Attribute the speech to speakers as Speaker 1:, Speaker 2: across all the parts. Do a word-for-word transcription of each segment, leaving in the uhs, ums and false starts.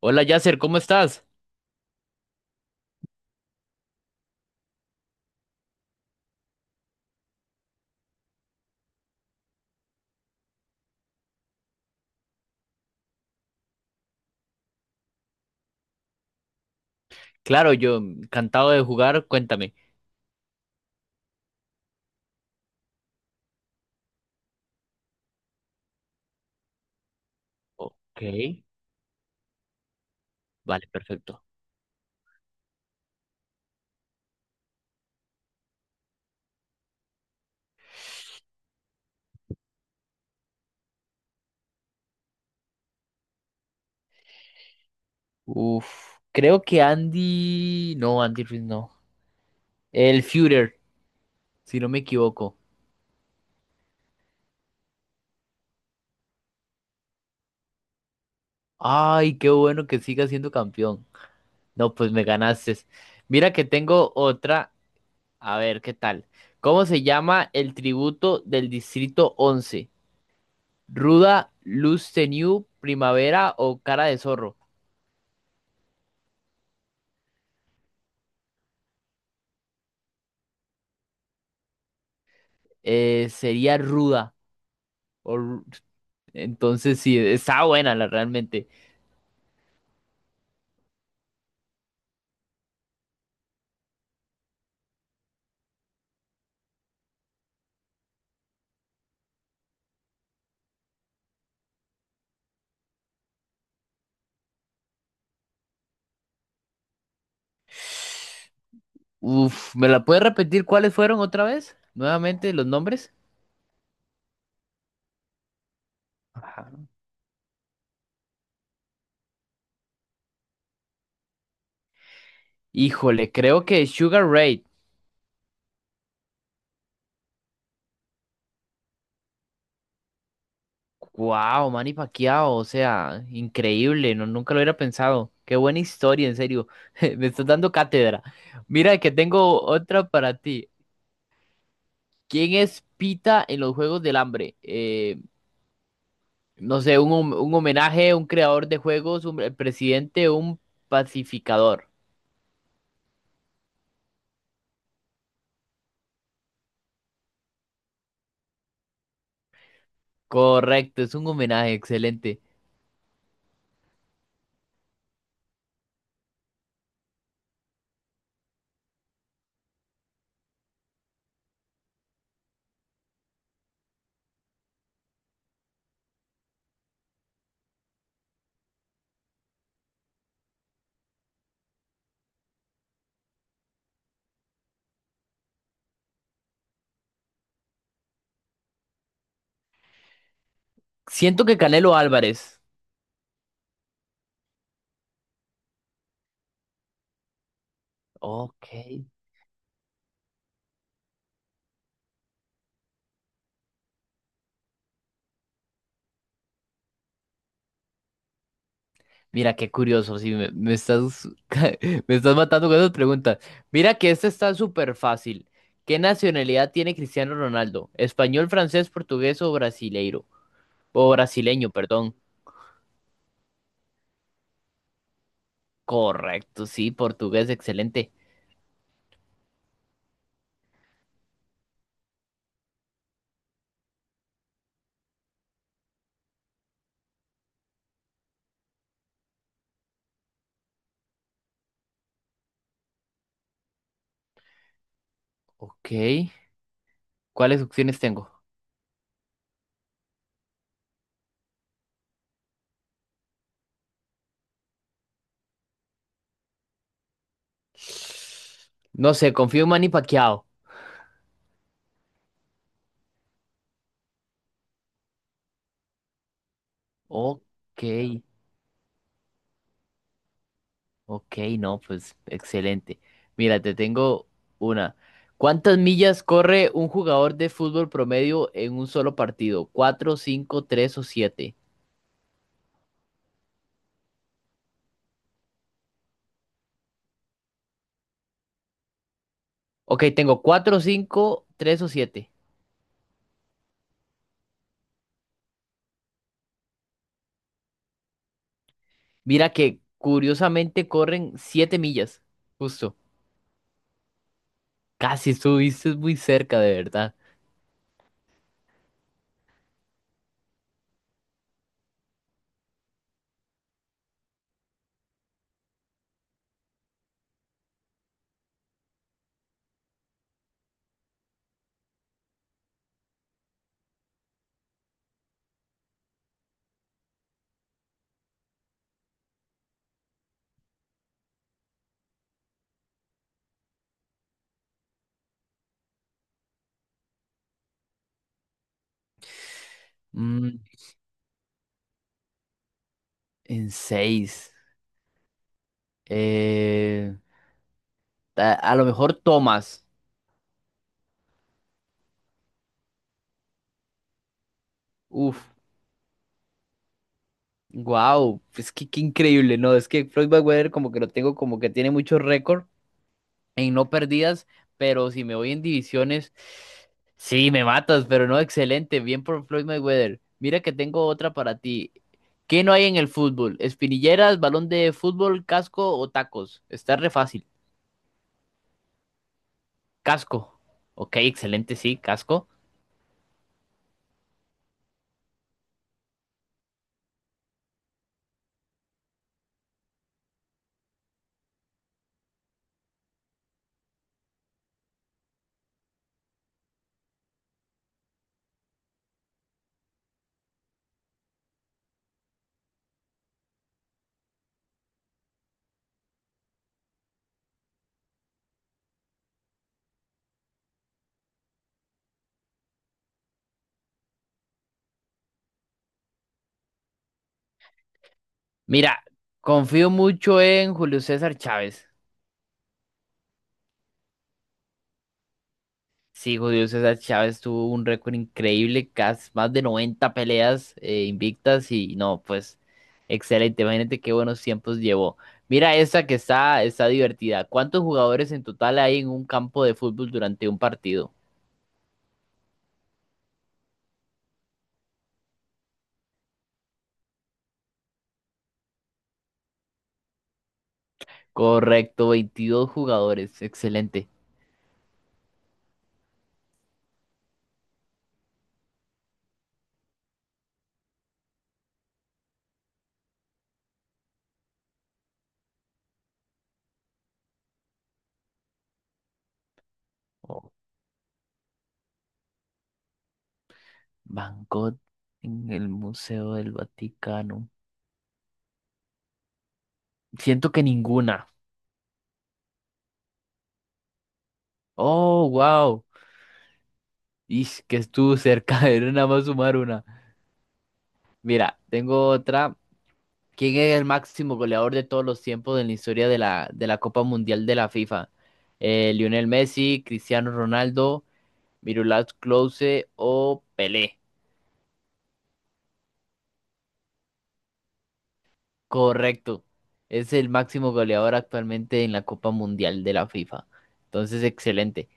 Speaker 1: Hola Yasser, ¿cómo estás? Claro, yo encantado de jugar, cuéntame. Ok, vale, perfecto. Uf, creo que Andy... No, Andy Ruiz no. El Führer, si no me equivoco. Ay, qué bueno que siga siendo campeón. No, pues me ganaste. Mira que tengo otra. A ver, ¿qué tal? ¿Cómo se llama el tributo del Distrito once? ¿Ruda, Luz Tenue, Primavera o Cara de Zorro? Eh, sería Ruda. O, entonces sí, está buena la realmente. Uf, ¿me la puedes repetir cuáles fueron otra vez? Nuevamente, los nombres. Ajá. Híjole, creo que Sugar Ray. Wow, Manny Pacquiao, o sea, increíble, no, nunca lo hubiera pensado. Qué buena historia, en serio. Me estás dando cátedra. Mira que tengo otra para ti. ¿Quién es Pita en los Juegos del Hambre? Eh, no sé, un, hom- un homenaje, un creador de juegos, un el presidente, un pacificador. Correcto, es un homenaje, excelente. Siento que Canelo Álvarez. Ok. Mira, qué curioso, sí, me, me estás, me estás matando con esas preguntas. Mira que esta está súper fácil. ¿Qué nacionalidad tiene Cristiano Ronaldo? ¿Español, francés, portugués o brasileiro? O brasileño, perdón. Correcto, sí, portugués, excelente. Ok. ¿Cuáles opciones tengo? No sé, confío en Manny Pacquiao. Ok. Ok, no, pues excelente. Mira, te tengo una. ¿Cuántas millas corre un jugador de fútbol promedio en un solo partido? ¿Cuatro, cinco, tres o siete? Ok, tengo cuatro, cinco, tres o siete. Mira que curiosamente corren siete millas. Justo. Casi estuviste muy cerca, de verdad. Mm, en seis. Eh, a, a lo mejor Tomás. Uf. Wow, es que qué increíble, ¿no? Es que Floyd Mayweather como que lo tengo como que tiene muchos récords en no perdidas, pero si me voy en divisiones, sí, me matas, pero no, excelente, bien por Floyd Mayweather. Mira que tengo otra para ti. ¿Qué no hay en el fútbol? ¿Espinilleras, balón de fútbol, casco o tacos? Está re fácil. Casco. Ok, excelente, sí, casco. Mira, confío mucho en Julio César Chávez. Sí, Julio César Chávez tuvo un récord increíble, casi más de noventa peleas eh, invictas y no, pues excelente, imagínate qué buenos tiempos llevó. Mira esa que está, está divertida. ¿Cuántos jugadores en total hay en un campo de fútbol durante un partido? Correcto, veintidós jugadores, excelente. Oh, Van en el Museo del Vaticano. Siento que ninguna. Oh, wow. Y que estuvo cerca de nada más sumar una. Mira, tengo otra. ¿Quién es el máximo goleador de todos los tiempos en la historia de la, de la Copa Mundial de la FIFA? Eh, ¿Lionel Messi, Cristiano Ronaldo, Miroslav Klose o Pelé? Correcto. Es el máximo goleador actualmente en la Copa Mundial de la FIFA. Entonces, excelente.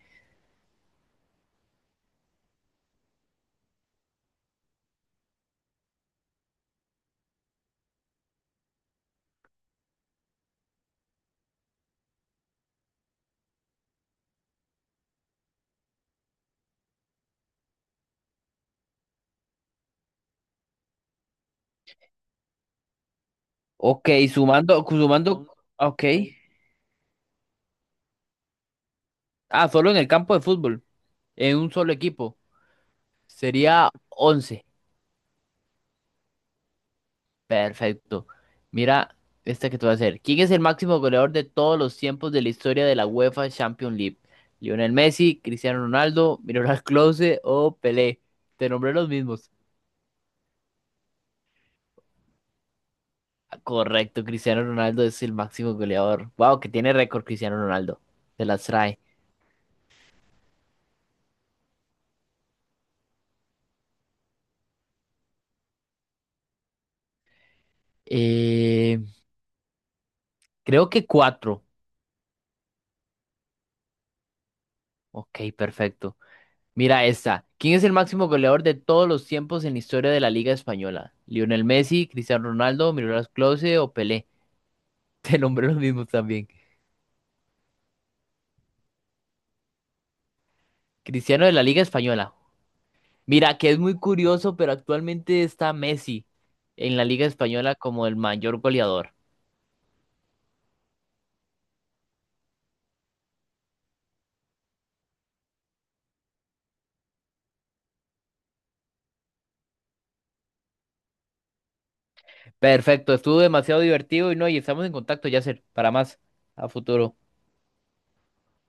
Speaker 1: Ok, sumando, sumando, ok. Ah, solo en el campo de fútbol, en un solo equipo. Sería once. Perfecto. Mira, esta que te voy a hacer. ¿Quién es el máximo goleador de todos los tiempos de la historia de la UEFA Champions League? ¿Lionel Messi, Cristiano Ronaldo, Miroslav Klose o Pelé? Te nombré los mismos. Ah, correcto, Cristiano Ronaldo es el máximo goleador. Wow, que tiene récord Cristiano Ronaldo. Se las trae. Eh, Creo que cuatro. Ok, perfecto. Mira esta. ¿Quién es el máximo goleador de todos los tiempos en la historia de la Liga Española? ¿Lionel Messi, Cristiano Ronaldo, Miroslav Klose o Pelé? Te nombré los mismos también. Cristiano de la Liga Española. Mira, que es muy curioso, pero actualmente está Messi en la Liga Española como el mayor goleador. Perfecto, estuvo demasiado divertido y no, y estamos en contacto, Yasser, para más a futuro.